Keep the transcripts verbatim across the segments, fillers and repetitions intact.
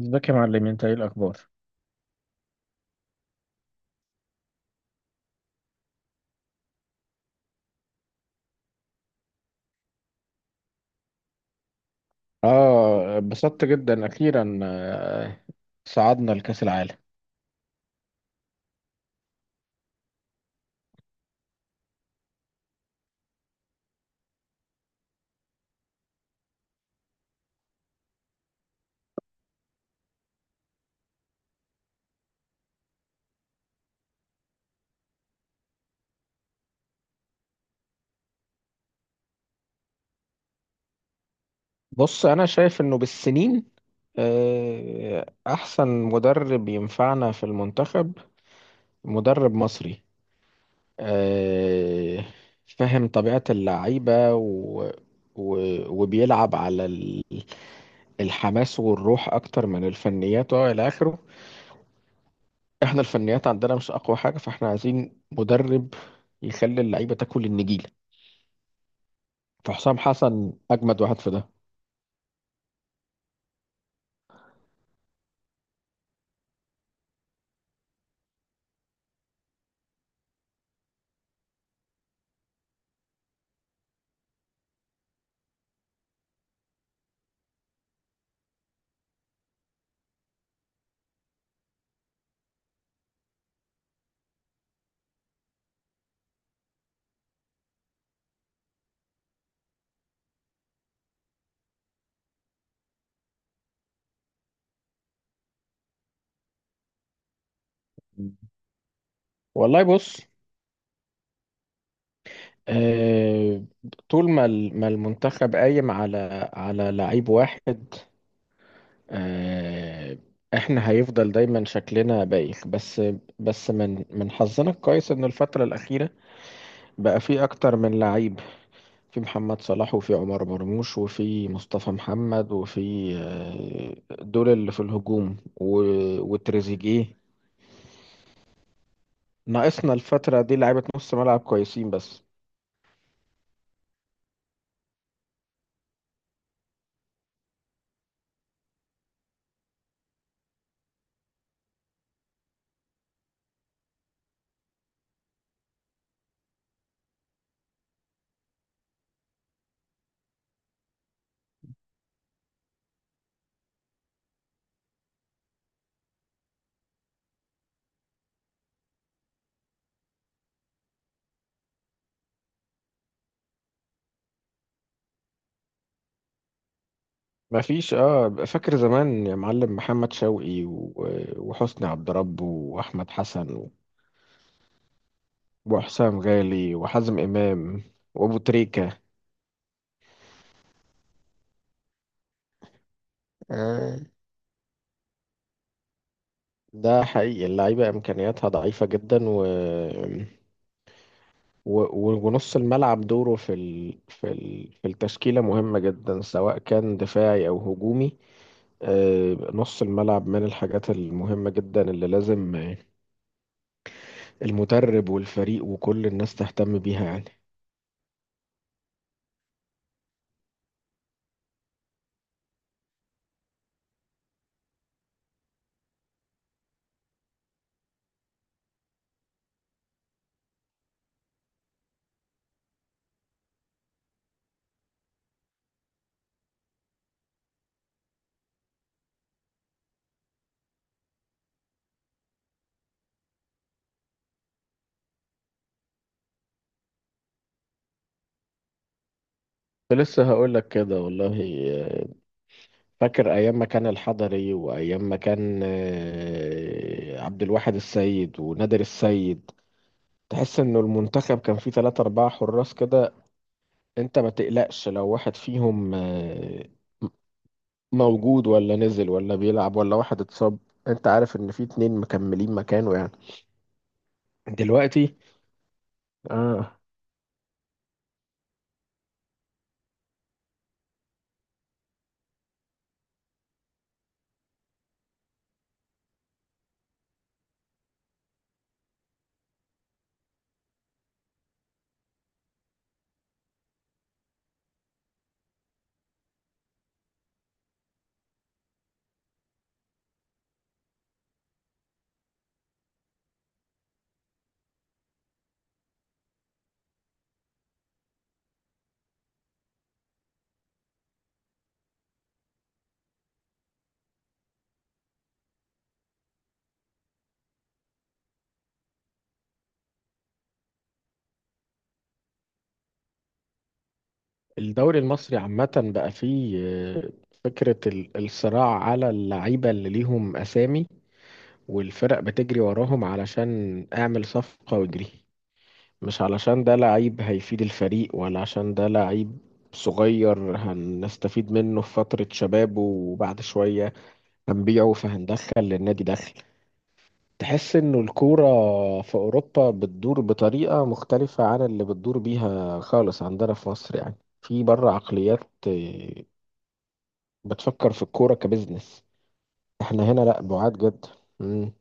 ازيك يا معلم، انت ايه الاخبار؟ اه، اتبسطت جدا اخيرا. آه، صعدنا لكأس العالم. بص، انا شايف انه بالسنين آه، احسن مدرب ينفعنا في المنتخب. مدرب مصري آه، فاهم طبيعة اللعيبة و... و... وبيلعب على ال- الحماس والروح اكتر من الفنيات والى اخره. احنا الفنيات عندنا مش اقوى حاجة، فاحنا عايزين مدرب يخلي اللعيبة تاكل النجيل. فحسام حسن اجمد واحد في ده. والله بص، آه، طول ما ال- ما المنتخب قايم على على لعيب واحد، آه، احنا هيفضل دايما شكلنا بايخ. بس بس من من حظنا الكويس ان الفترة الأخيرة بقى في اكتر من لعيب. في محمد صلاح، وفي عمر مرموش، وفي مصطفى محمد، وفي آه، دول اللي في الهجوم، و- وتريزيجيه. ناقصنا الفترة دي لعيبة نص ملعب كويسين بس. ما فيش. اه فاكر زمان يا معلم محمد شوقي، و- وحسني عبد رب، واحمد حسن، وحسام غالي، وحازم امام، وابو تريكة. آه. ده حقيقي، اللعيبه امكانياتها ضعيفه جدا و... و... و- ونص الملعب دوره في ال... في ال... في التشكيله مهمه جدا، سواء كان دفاعي او هجومي. آه، نص الملعب من الحاجات المهمه جدا اللي لازم آه، المدرب والفريق وكل الناس تهتم بيها يعني. كنت لسه هقول لك كده والله. آه، فاكر ايام ما كان الحضري وايام ما كان آه، عبد الواحد السيد ونادر السيد. تحس انه المنتخب كان فيه ثلاثة أربعة حراس كده. انت ما تقلقش لو واحد فيهم آه، موجود ولا نزل ولا بيلعب ولا واحد اتصاب، انت عارف ان في اتنين مكملين مكانه يعني. دلوقتي. اه. الدوري المصري عامة بقى فيه آه، فكرة ال- الصراع على اللعيبة اللي ليهم أسامي، والفرق بتجري وراهم علشان اعمل صفقة واجري، مش علشان ده لعيب هيفيد الفريق، ولا عشان ده لعيب صغير هنستفيد منه في فترة شبابه وبعد شوية هنبيعه فهندخل للنادي دخل. تحس انه الكورة في اوروبا بتدور بطريقة مختلفة عن اللي بتدور بيها خالص عندنا في مصر يعني. في بره عقليات آه، بتفكر في الكورة كبزنس. احنا هنا لا، بعاد جدا. مم.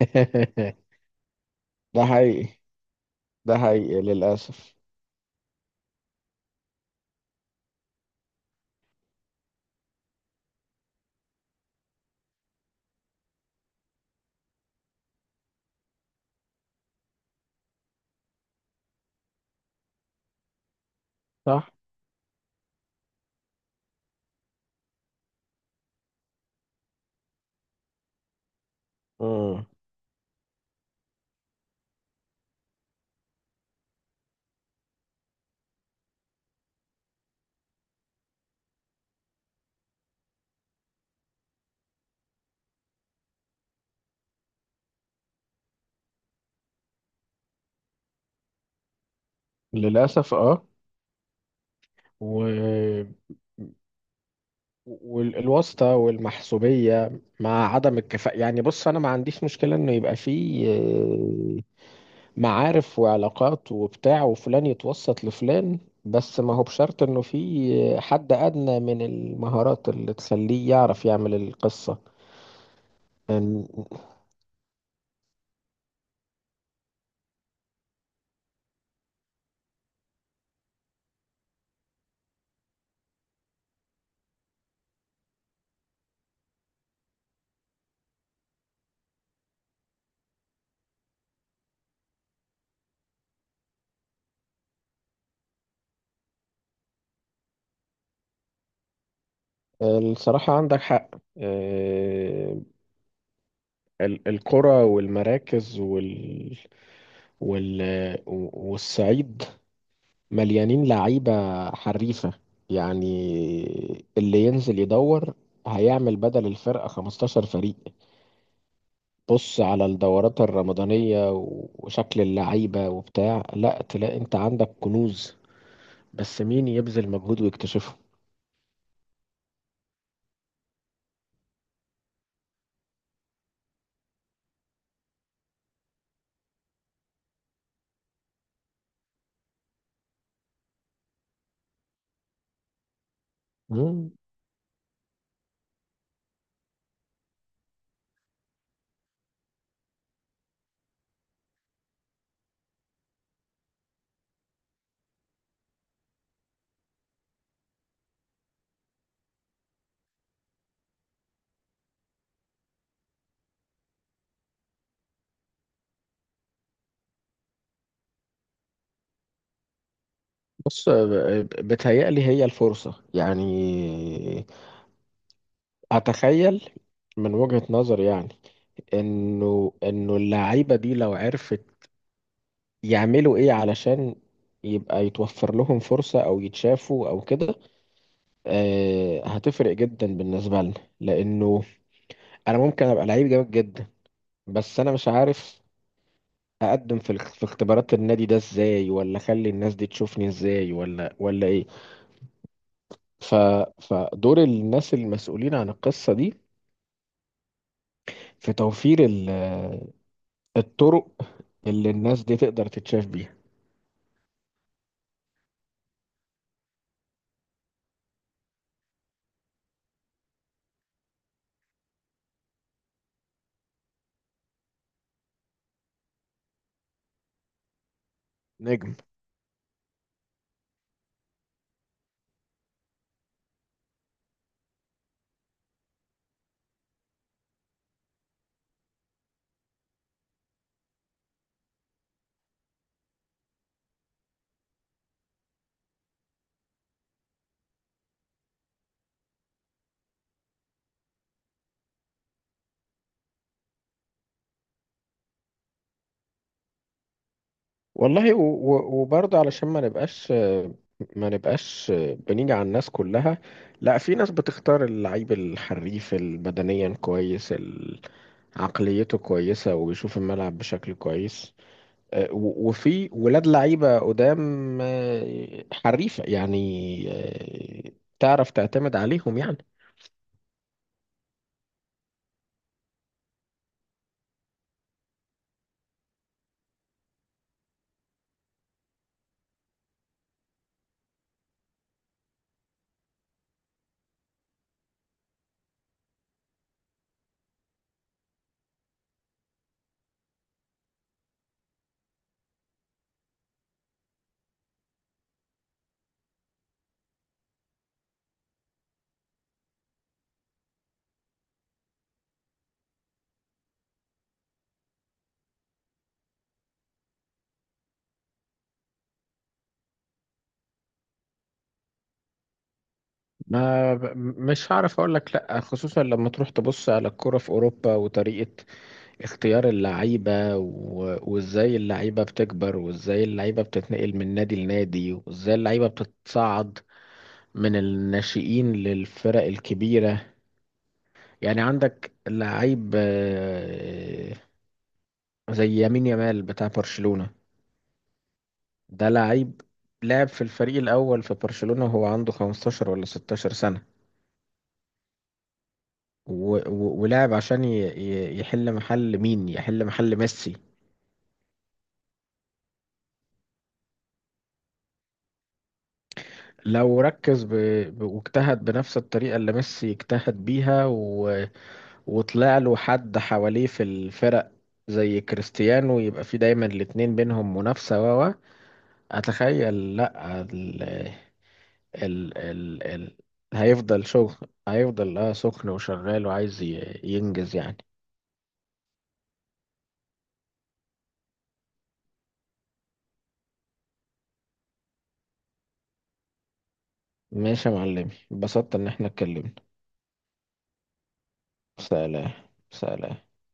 ده حقيقي. ده حقيقي للأسف. صح. مم. للأسف، اه. و... والواسطة والمحسوبية مع عدم الكفاءة يعني. بص، أنا ما عنديش مشكلة إنه يبقى فيه آه، معارف وعلاقات وبتاع وفلان يتوسط لفلان، بس ما هو بشرط إنه فيه حد أدنى من المهارات اللي تخليه يعرف يعمل القصة. إن- الصراحة عندك حق. آه، ال- القرى والمراكز وال... وال... والصعيد مليانين لعيبة حريفة يعني. اللي ينزل يدور هيعمل بدل الفرقة خمستاشر فريق. بص على الدورات الرمضانية وشكل اللعيبة وبتاع، لا تلاقي انت عندك كنوز. بس مين يبذل مجهود ويكتشفه؟ مم. بص، ب- بتهيألي هي الفرصة يعني. أتخيل من وجهة نظر يعني انه انه اللعيبه دي لو عرفت يعملوا ايه علشان يبقى يتوفر لهم فرصه او يتشافوا او كده، آه هتفرق جدا بالنسبه لنا. لانه انا ممكن ابقى لعيب جامد جدا، بس انا مش عارف اقدم في الاخ- في اختبارات النادي ده ازاي، ولا اخلي الناس دي تشوفني ازاي، ولا ولا ايه. ف فدور الناس المسؤولين عن القصه دي في توفير ال- الطرق اللي الناس دي تقدر تتشاف بيها. والله، و- و- وبرضه علشان ما نبقاش ما نبقاش بنيجي على الناس كلها. لا، في ناس بتختار اللعيب الحريف البدنيا كويس، ال- عقليته كويسة وبيشوف الملعب بشكل كويس. آه، و- وفي ولاد لعيبة قدام آه، حريفة يعني، آه، تعرف تعتمد عليهم يعني. ما ب- مش هعرف اقول لك لا، خصوصا لما تروح تبص على الكرة في اوروبا وطريقة اختيار اللعيبة و... وازاي اللعيبة بتكبر، وازاي اللعيبة بتتنقل من نادي لنادي، وازاي اللعيبة بتتصعد من الناشئين للفرق الكبيرة. يعني عندك لعيب آه، زي يمين يامال بتاع برشلونة. ده لعيب لعب في الفريق الأول في برشلونة وهو عنده خمسة عشر ولا ستة عشر سنة. و... و... ولعب عشان ي... ي- يحل محل مين، يحل محل ميسي. لو ركز ب... ب- واجتهد بنفس الطريقة اللي ميسي اجتهد بيها، و... وطلع له حد حواليه في الفرق زي كريستيانو، يبقى في دايما الاتنين بينهم منافسة. و و اتخيل. لا. ال... ال... ال... ال... هيفضل شغل. هيفضل اه سخن وشغال وعايز ي... ينجز يعني. ماشي يا معلمي، اتبسطت ان احنا اتكلمنا. سلام، سلام.